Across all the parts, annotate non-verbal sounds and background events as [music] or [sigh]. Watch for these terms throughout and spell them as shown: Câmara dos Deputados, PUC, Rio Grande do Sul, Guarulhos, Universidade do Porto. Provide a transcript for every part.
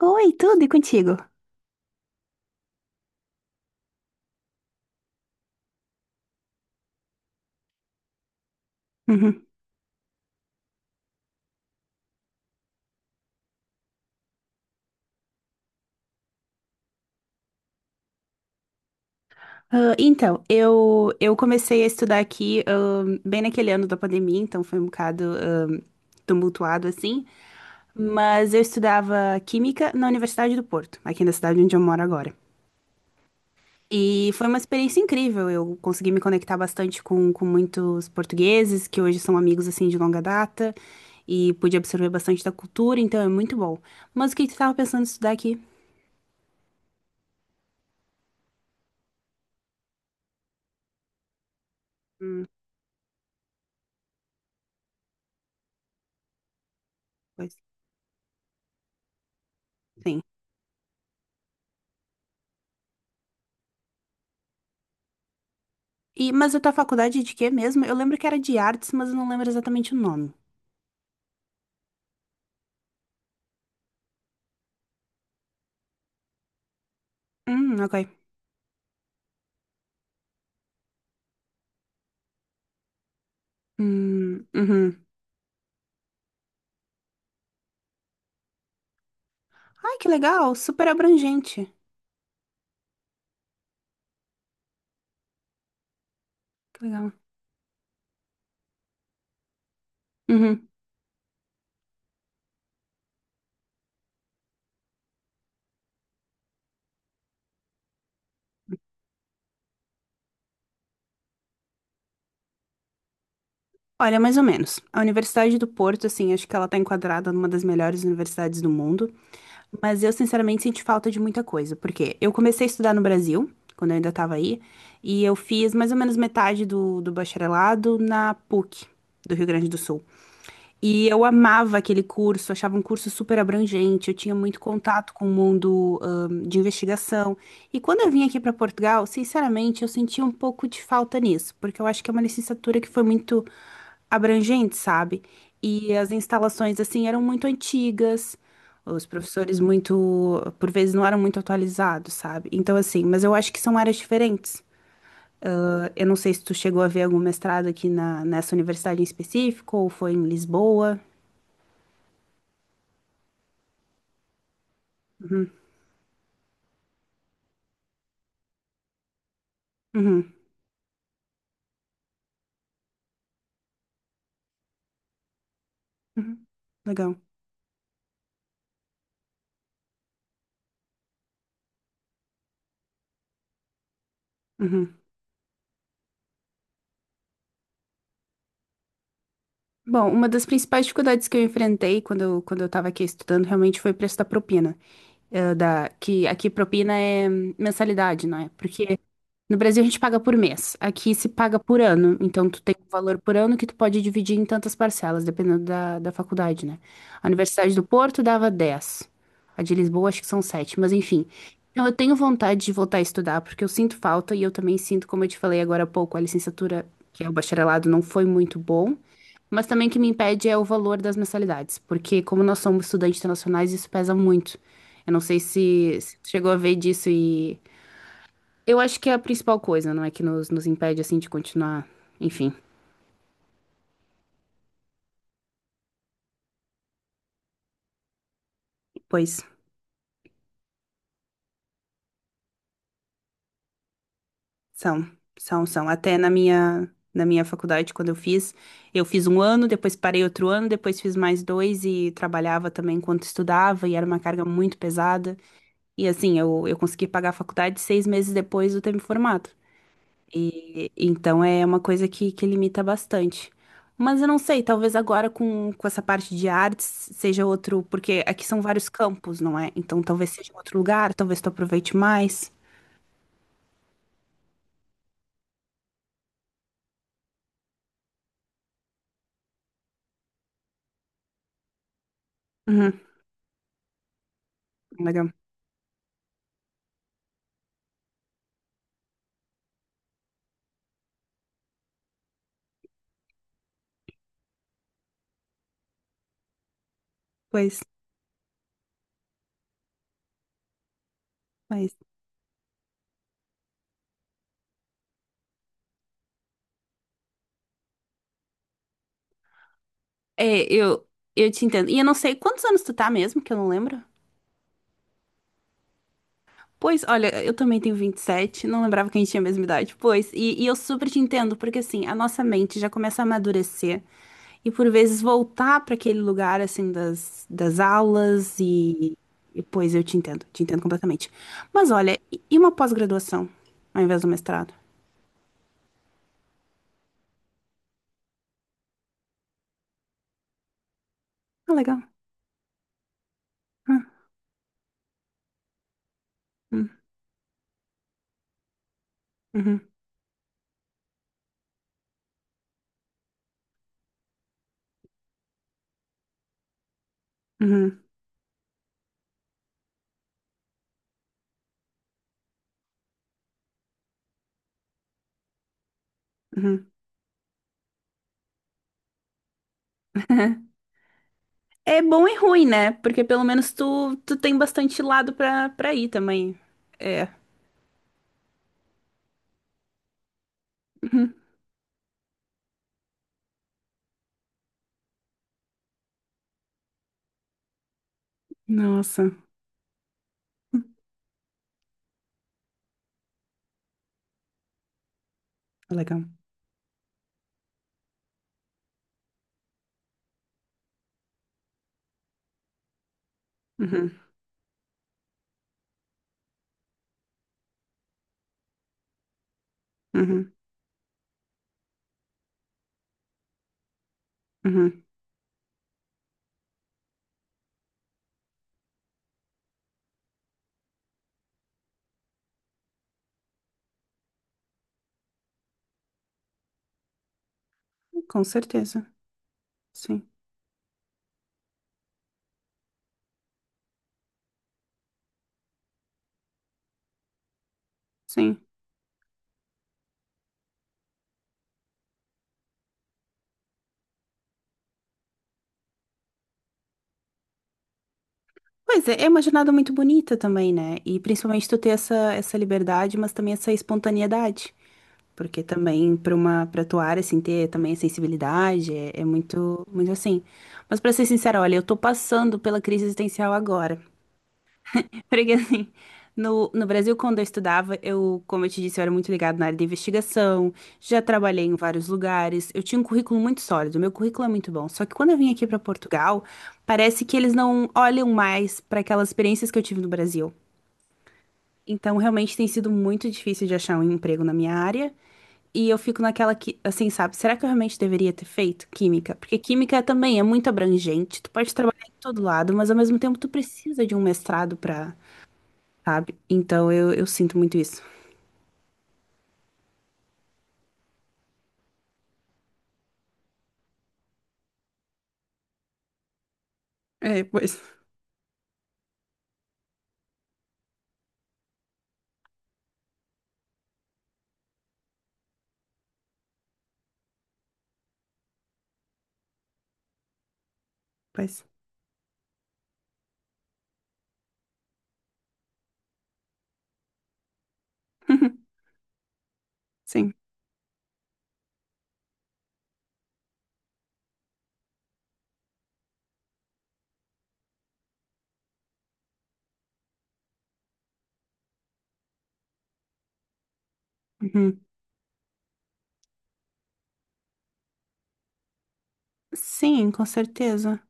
Oi, tudo e contigo? Uhum. Ah, então, eu comecei a estudar aqui, bem naquele ano da pandemia, então foi um bocado, tumultuado assim, mas eu estudava Química na Universidade do Porto, aqui na cidade onde eu moro agora. E foi uma experiência incrível, eu consegui me conectar bastante com muitos portugueses, que hoje são amigos assim de longa data, e pude absorver bastante da cultura, então é muito bom. Mas o que que tu estava pensando em estudar aqui? Hum, pois, sim. E, mas a tua faculdade é de quê mesmo? Eu lembro que era de artes, mas eu não lembro exatamente o nome. Ok. Uhum. Ai, que legal, super abrangente. Que legal. Uhum. Olha, mais ou menos. A Universidade do Porto, assim, acho que ela tá enquadrada numa das melhores universidades do mundo. Mas eu, sinceramente, senti falta de muita coisa, porque eu comecei a estudar no Brasil, quando eu ainda estava aí, e eu fiz mais ou menos metade do bacharelado na PUC, do Rio Grande do Sul. E eu amava aquele curso, achava um curso super abrangente, eu tinha muito contato com o mundo, de investigação. E quando eu vim aqui para Portugal, sinceramente, eu senti um pouco de falta nisso, porque eu acho que é uma licenciatura que foi muito abrangente, sabe? E as instalações, assim, eram muito antigas, os professores muito, por vezes, não eram muito atualizados, sabe? Então, assim, mas eu acho que são áreas diferentes. Eu não sei se tu chegou a ver algum mestrado aqui na, nessa universidade em específico, ou foi em Lisboa. Uhum, uhum, uhum. Legal. Uhum. Bom, uma das principais dificuldades que eu enfrentei quando eu estava aqui estudando realmente foi o preço da propina. Que aqui propina é mensalidade, não é? Porque no Brasil a gente paga por mês, aqui se paga por ano. Então tu tem um valor por ano que tu pode dividir em tantas parcelas, dependendo da faculdade, né? A Universidade do Porto dava 10, a de Lisboa acho que são 7, mas enfim. Então eu tenho vontade de voltar a estudar, porque eu sinto falta e eu também sinto, como eu te falei agora há pouco, a licenciatura, que é o bacharelado, não foi muito bom. Mas também o que me impede é o valor das mensalidades, porque como nós somos estudantes internacionais, isso pesa muito. Eu não sei se tu chegou a ver disso e eu acho que é a principal coisa, não é que nos impede assim de continuar, enfim. Pois são, são, são. Até na minha faculdade quando eu fiz um ano, depois parei outro ano, depois fiz mais dois e trabalhava também enquanto estudava e era uma carga muito pesada. E assim, eu consegui pagar a faculdade seis meses depois de eu ter me formado. E, então é uma coisa que limita bastante. Mas eu não sei, talvez agora com essa parte de artes seja outro, porque aqui são vários campos, não é? Então talvez seja outro lugar, talvez tu aproveite mais. Uhum, legal. Pois, pois. É, eu te entendo. E eu não sei quantos anos tu tá mesmo, que eu não lembro. Pois, olha, eu também tenho vinte e sete, não lembrava que a gente tinha a mesma idade. Pois, e eu super te entendo, porque assim, a nossa mente já começa a amadurecer e por vezes voltar para aquele lugar, assim, das aulas e. Pois, eu te entendo completamente. Mas olha, e uma pós-graduação ao invés do mestrado? Ah, legal. Ah, hum, uhum, uhum, uhum. É bom e ruim, né? Porque pelo menos tu, tu tem bastante lado pra ir também. É. Uhum. Nossa, legal. Uhum. Uhum, uhum, com certeza. Sim, sim. Pois é, é uma jornada muito bonita também, né? E principalmente tu ter essa, essa liberdade, mas também essa espontaneidade. Porque também para uma para tua área assim ter também a sensibilidade é, é muito muito assim. Mas para ser sincera, olha, eu tô passando pela crise existencial agora. Porque assim, no Brasil, quando eu estudava, eu, como eu te disse, eu era muito ligado na área de investigação, já trabalhei em vários lugares, eu tinha um currículo muito sólido, meu currículo é muito bom. Só que quando eu vim aqui para Portugal, parece que eles não olham mais para aquelas experiências que eu tive no Brasil. Então, realmente tem sido muito difícil de achar um emprego na minha área. E eu fico naquela que, assim, sabe, será que eu realmente deveria ter feito química? Porque química também é muito abrangente, tu pode trabalhar em todo lado, mas ao mesmo tempo tu precisa de um mestrado para sabe? Então eu sinto muito isso. É, pois, pois. [laughs] Uhum, sim. Uhum. Sim, com certeza.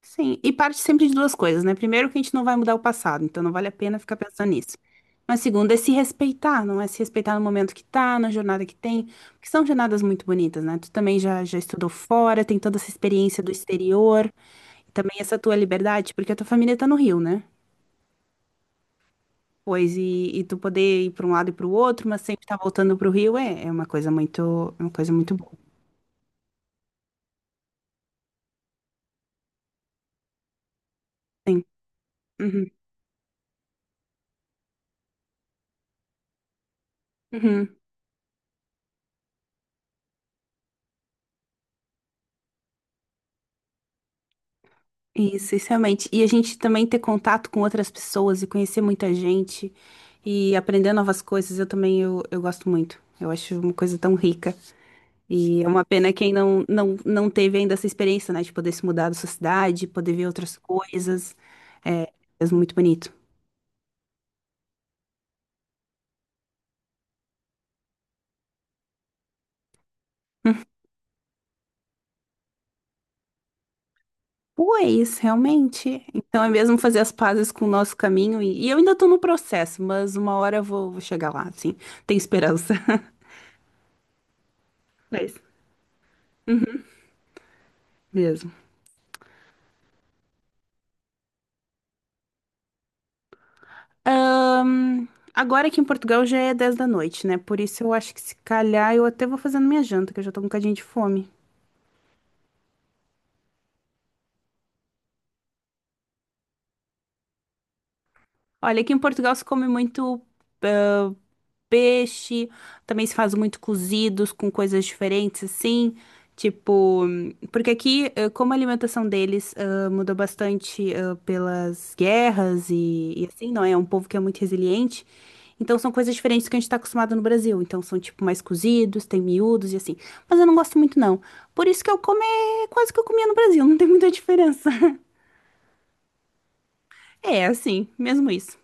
Sim. E parte sempre de duas coisas, né? Primeiro, que a gente não vai mudar o passado, então não vale a pena ficar pensando nisso. Mas segundo, é se respeitar, não é se respeitar no momento que tá, na jornada que tem, porque são jornadas muito bonitas, né? Tu também já, já estudou fora, tem toda essa experiência do exterior, e também essa tua liberdade, porque a tua família tá no Rio, né? Pois, e tu poder ir para um lado e para o outro, mas sempre estar voltando para o Rio é, é uma coisa muito, é uma coisa muito boa. Sim. Uhum. Uhum. Isso realmente. E a gente também ter contato com outras pessoas e conhecer muita gente e aprender novas coisas, eu também eu gosto muito. Eu acho uma coisa tão rica. E é uma pena quem não, não, não teve ainda essa experiência, né? De poder se mudar da sua cidade, poder ver outras coisas. É, é muito bonito. Pois, realmente. Então é mesmo fazer as pazes com o nosso caminho. E eu ainda tô no processo, mas uma hora eu vou chegar lá, assim. Tem esperança. [laughs] Mas, mesmo. Ahn, agora aqui em Portugal já é 10 da noite, né? Por isso eu acho que se calhar eu até vou fazendo minha janta, que eu já tô com um bocadinho de fome. Olha, aqui em Portugal se come muito peixe. Também se faz muito cozidos com coisas diferentes, assim. Tipo, porque aqui, como a alimentação deles mudou bastante pelas guerras e assim, não é? É um povo que é muito resiliente. Então são coisas diferentes que a gente tá acostumado no Brasil. Então são, tipo, mais cozidos, tem miúdos e assim. Mas eu não gosto muito, não. Por isso que eu como é quase que eu comia no Brasil, não tem muita diferença. [laughs] É, assim, mesmo isso.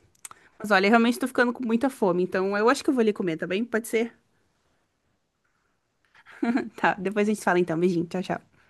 Mas olha, eu realmente tô ficando com muita fome, então eu acho que eu vou ali comer, tá bem? Pode ser? [laughs] Tá, depois a gente fala então. Beijinho, tchau, tchau.